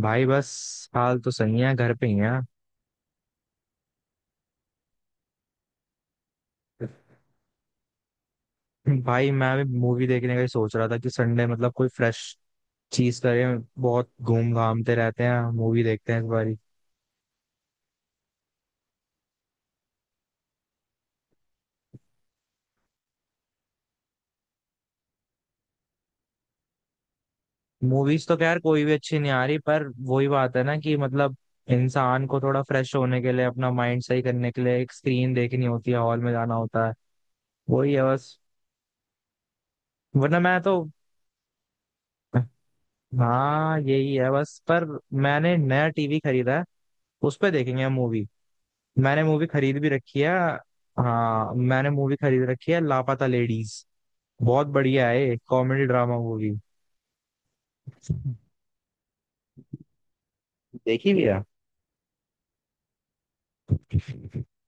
भाई, बस हाल तो सही है, घर पे ही है। भाई, मैं भी मूवी देखने का ही सोच रहा था कि संडे मतलब कोई फ्रेश चीज करें। बहुत घूम घामते रहते हैं, मूवी देखते हैं इस बारी। मूवीज तो खैर कोई भी अच्छी नहीं आ रही, पर वही बात है ना कि मतलब इंसान को थोड़ा फ्रेश होने के लिए, अपना माइंड सही करने के लिए, एक स्क्रीन देखनी होती है, हॉल में जाना होता है। वही है बस। वरना मैं तो, हाँ यही है बस। पर मैंने नया टीवी खरीदा है, उस पे देखेंगे मूवी। मैंने मूवी खरीद भी रखी है। हाँ, मैंने मूवी खरीद रखी है, लापता लेडीज, बहुत बढ़िया है, कॉमेडी ड्रामा मूवी। देखी भी है।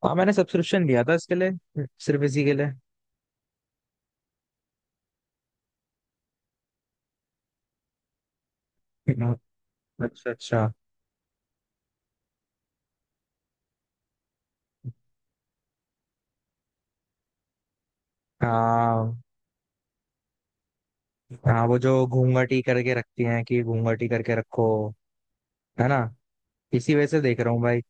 हाँ, मैंने सब्सक्रिप्शन लिया था इसके लिए, सिर्फ इसी के लिए। अच्छा अच्छा। हाँ हाँ, वो जो घूंघटी करके रखती हैं, कि घूंघटी करके रखो, है ना। इसी वजह से देख रहा हूँ भाई।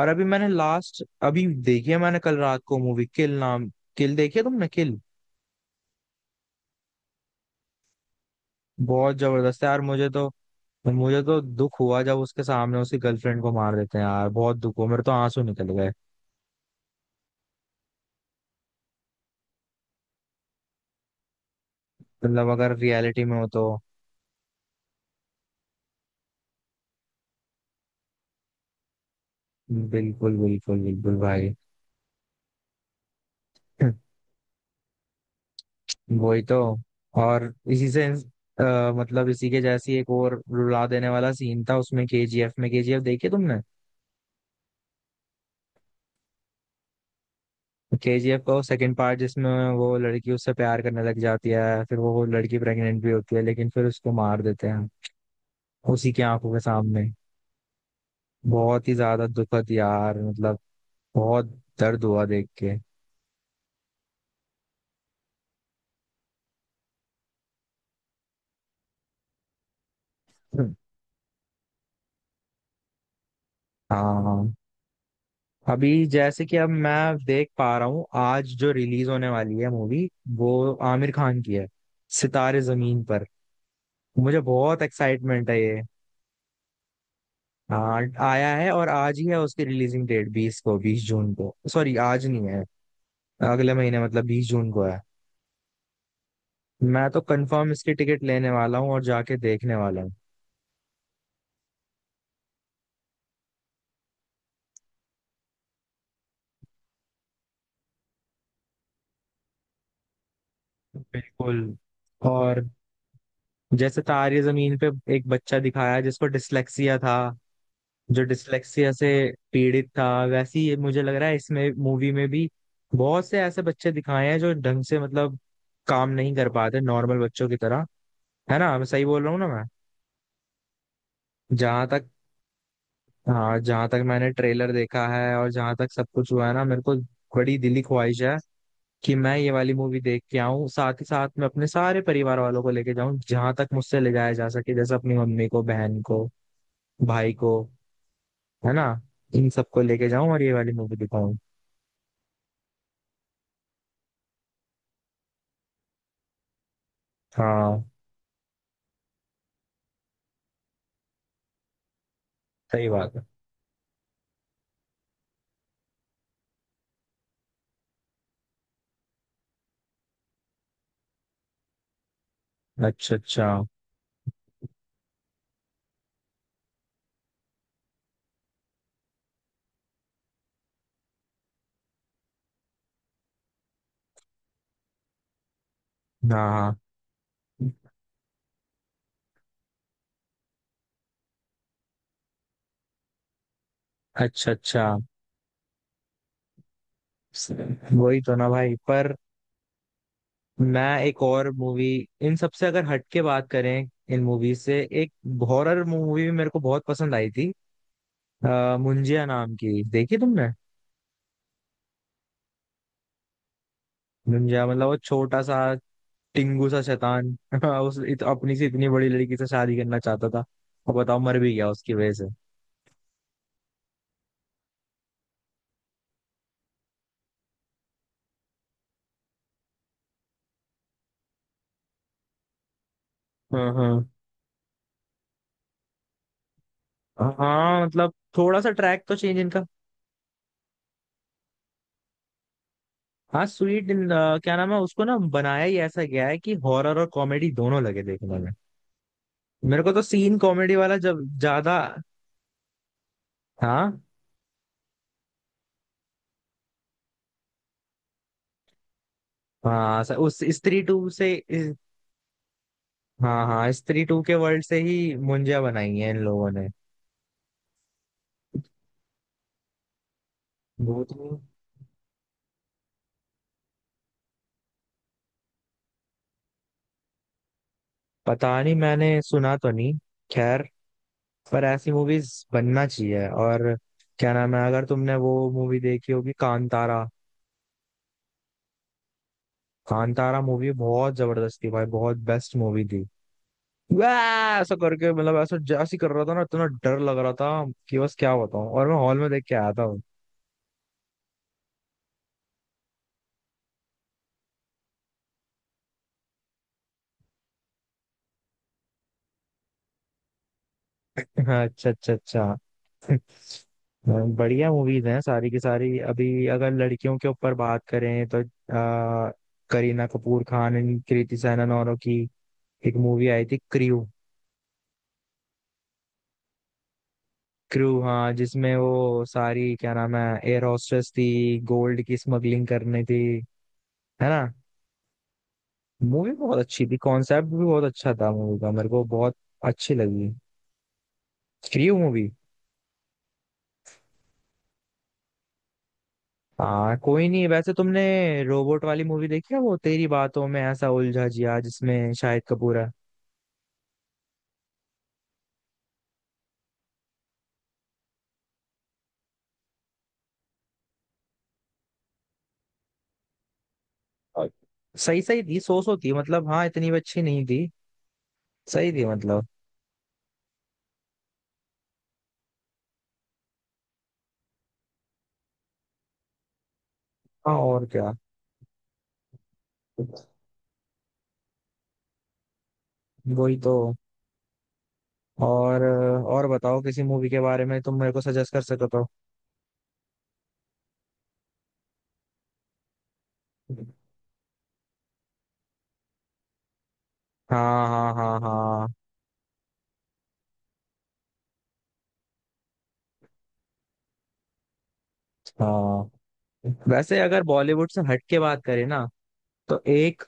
और अभी मैंने लास्ट अभी देखी है, मैंने कल रात को मूवी, किल नाम, किल देखी है तुमने, किल? बहुत जबरदस्त है यार मुझे तो। पर मुझे तो दुख हुआ जब उसके सामने उसकी गर्लफ्रेंड को मार देते हैं, यार बहुत दुख हुआ, मेरे तो आंसू निकल गए। मतलब अगर रियलिटी में हो तो, बिल्कुल बिल्कुल बिल्कुल भाई। वही तो। और इसी से मतलब इसी के जैसी एक और रुला देने वाला सीन था उसमें, केजीएफ में, केजीएफ देखी तुमने? केजीएफ का वो सेकंड पार्ट, जिसमें वो लड़की उससे प्यार करने लग जाती है, फिर वो लड़की प्रेग्नेंट भी होती है, लेकिन फिर उसको मार देते हैं उसी की आंखों के सामने। बहुत ही ज्यादा दुखद यार मतलब, बहुत दर्द हुआ देख के। हम्म। हाँ, अभी जैसे कि अब मैं देख पा रहा हूँ, आज जो रिलीज होने वाली है मूवी, वो आमिर खान की है, सितारे जमीन पर। मुझे बहुत एक्साइटमेंट है ये। हाँ, आया है, और आज ही है उसकी रिलीजिंग डेट, 20 को, 20 जून को, सॉरी आज नहीं है, अगले महीने मतलब 20 जून को है। मैं तो कंफर्म इसकी टिकट लेने वाला हूँ और जाके देखने वाला हूँ। बिल्कुल। और जैसे तारे जमीन पे एक बच्चा दिखाया जिसको डिसलेक्सिया था, जो डिसलेक्सिया से पीड़ित था, वैसे ही ये मुझे लग रहा है इसमें मूवी में भी बहुत से ऐसे बच्चे दिखाए हैं जो ढंग से मतलब काम नहीं कर पाते नॉर्मल बच्चों की तरह। है ना, मैं सही बोल रहा हूँ ना मैं? जहां तक, हाँ जहां तक मैंने ट्रेलर देखा है, और जहां तक सब कुछ हुआ है ना, मेरे को बड़ी दिली ख्वाहिश है कि मैं ये वाली मूवी देख के आऊँ, साथ ही साथ मैं अपने सारे परिवार वालों को लेके जाऊं, जहां तक मुझसे ले जाया जा सके, जैसे अपनी मम्मी को, बहन को, भाई को, है ना, इन सबको लेके जाऊं और ये वाली मूवी दिखाऊं। हाँ, सही बात है। अच्छा अच्छा। हाँ। अच्छा अच्छा। वही तो ना भाई। पर मैं एक और मूवी, इन सबसे अगर हट के बात करें, इन मूवी से एक हॉरर मूवी भी मेरे को बहुत पसंद आई थी, मुंजिया नाम की, देखी तुमने? मुंजिया, मतलब वो छोटा सा टिंगू सा शैतान, अपनी से इतनी बड़ी लड़की से शादी करना चाहता था, और बताओ मर भी गया उसकी वजह से। हाँ हाँ। हाँ मतलब, थोड़ा सा ट्रैक तो चेंज इनका। हाँ, स्वीट इन, क्या नाम है, उसको ना बनाया ही ऐसा गया है कि हॉरर और कॉमेडी दोनों लगे देखने में। मेरे को तो सीन कॉमेडी वाला जब ज्यादा, हाँ। हाँ उस स्त्री टू से हाँ हाँ, स्त्री टू के वर्ल्ड से ही मुंजिया बनाई है इन लोगों ने। भूत में, पता नहीं, मैंने सुना तो नहीं। खैर, पर ऐसी मूवीज बनना चाहिए। और क्या नाम है, अगर तुमने वो मूवी देखी होगी, कांतारा। कांतारा मूवी बहुत जबरदस्त थी भाई, बहुत बेस्ट मूवी थी। वाह, ऐसा करके मतलब, ऐसा जैसे ही कर रहा था ना, इतना डर लग रहा था, कि बस क्या बताऊं, और मैं हॉल में देख के आया था वो। अच्छा अच्छा अच्छा। बढ़िया मूवीज हैं सारी की सारी। अभी अगर लड़कियों के ऊपर बात करें तो आ, करीना कपूर खान एंड कृति सैनन औरों की एक मूवी आई थी, क्रू। क्रू, हाँ, जिसमें वो सारी, क्या नाम है, एयर होस्टेस थी, गोल्ड की स्मगलिंग करनी थी, है ना। मूवी बहुत अच्छी थी, कॉन्सेप्ट भी बहुत अच्छा था मूवी का, मेरे को बहुत अच्छी लगी। Three movie. हाँ, कोई नहीं। वैसे तुमने रोबोट वाली मूवी देखी है, वो तेरी बातों में ऐसा उलझा जिया, जिसमें शाहिद कपूर है। और सही सही थी, सो थी मतलब, हाँ इतनी भी अच्छी नहीं थी, सही थी मतलब। हाँ, और क्या। वही तो। और बताओ, किसी मूवी के बारे में तुम मेरे को सजेस्ट कर सको तो। हाँ हाँ हाँ हाँ हाँ। वैसे अगर बॉलीवुड से हट के बात करें ना, तो एक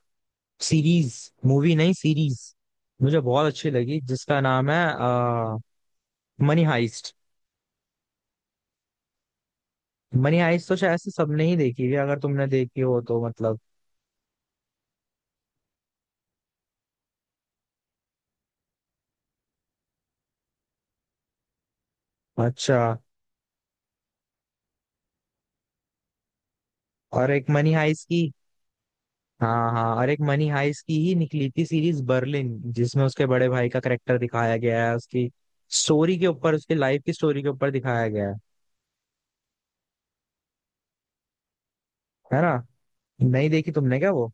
सीरीज, मूवी नहीं सीरीज, मुझे बहुत अच्छी लगी, जिसका नाम है मनी हाइस्ट। मनी हाइस्ट तो शायद से सबने ही देखी है, अगर तुमने देखी हो तो मतलब, अच्छा। और एक मनी हाइस्ट की, हाँ हाँ, और एक मनी हाइस्ट की ही निकली थी सीरीज, बर्लिन, जिसमें उसके बड़े भाई का करेक्टर दिखाया गया है, उसकी स्टोरी के ऊपर, उसकी लाइफ की स्टोरी के ऊपर दिखाया गया है ना। नहीं देखी तुमने क्या वो?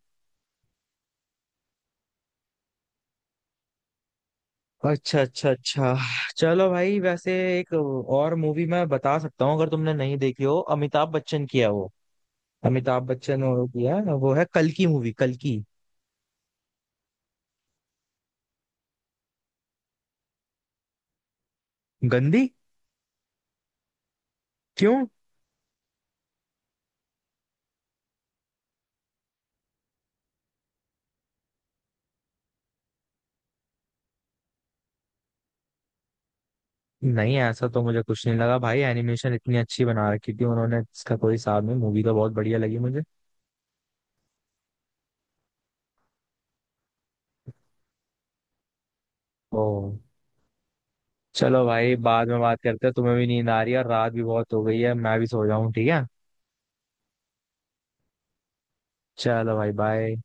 अच्छा अच्छा अच्छा। चलो भाई। वैसे एक और मूवी मैं बता सकता हूँ, अगर तुमने नहीं देखी हो, अमिताभ बच्चन की है वो, अमिताभ बच्चन और की है, वो है कल की मूवी, कल की। गंदी? क्यों? नहीं ऐसा तो मुझे कुछ नहीं लगा भाई, एनिमेशन इतनी अच्छी बना रखी थी उन्होंने, इसका कोई हिसाब नहीं, मूवी तो बहुत बढ़िया लगी मुझे। ओ। चलो भाई, बाद में बात करते हैं, तुम्हें भी नींद आ रही है और रात भी बहुत हो गई है, मैं भी सो जाऊं, ठीक है। चलो भाई, बाय।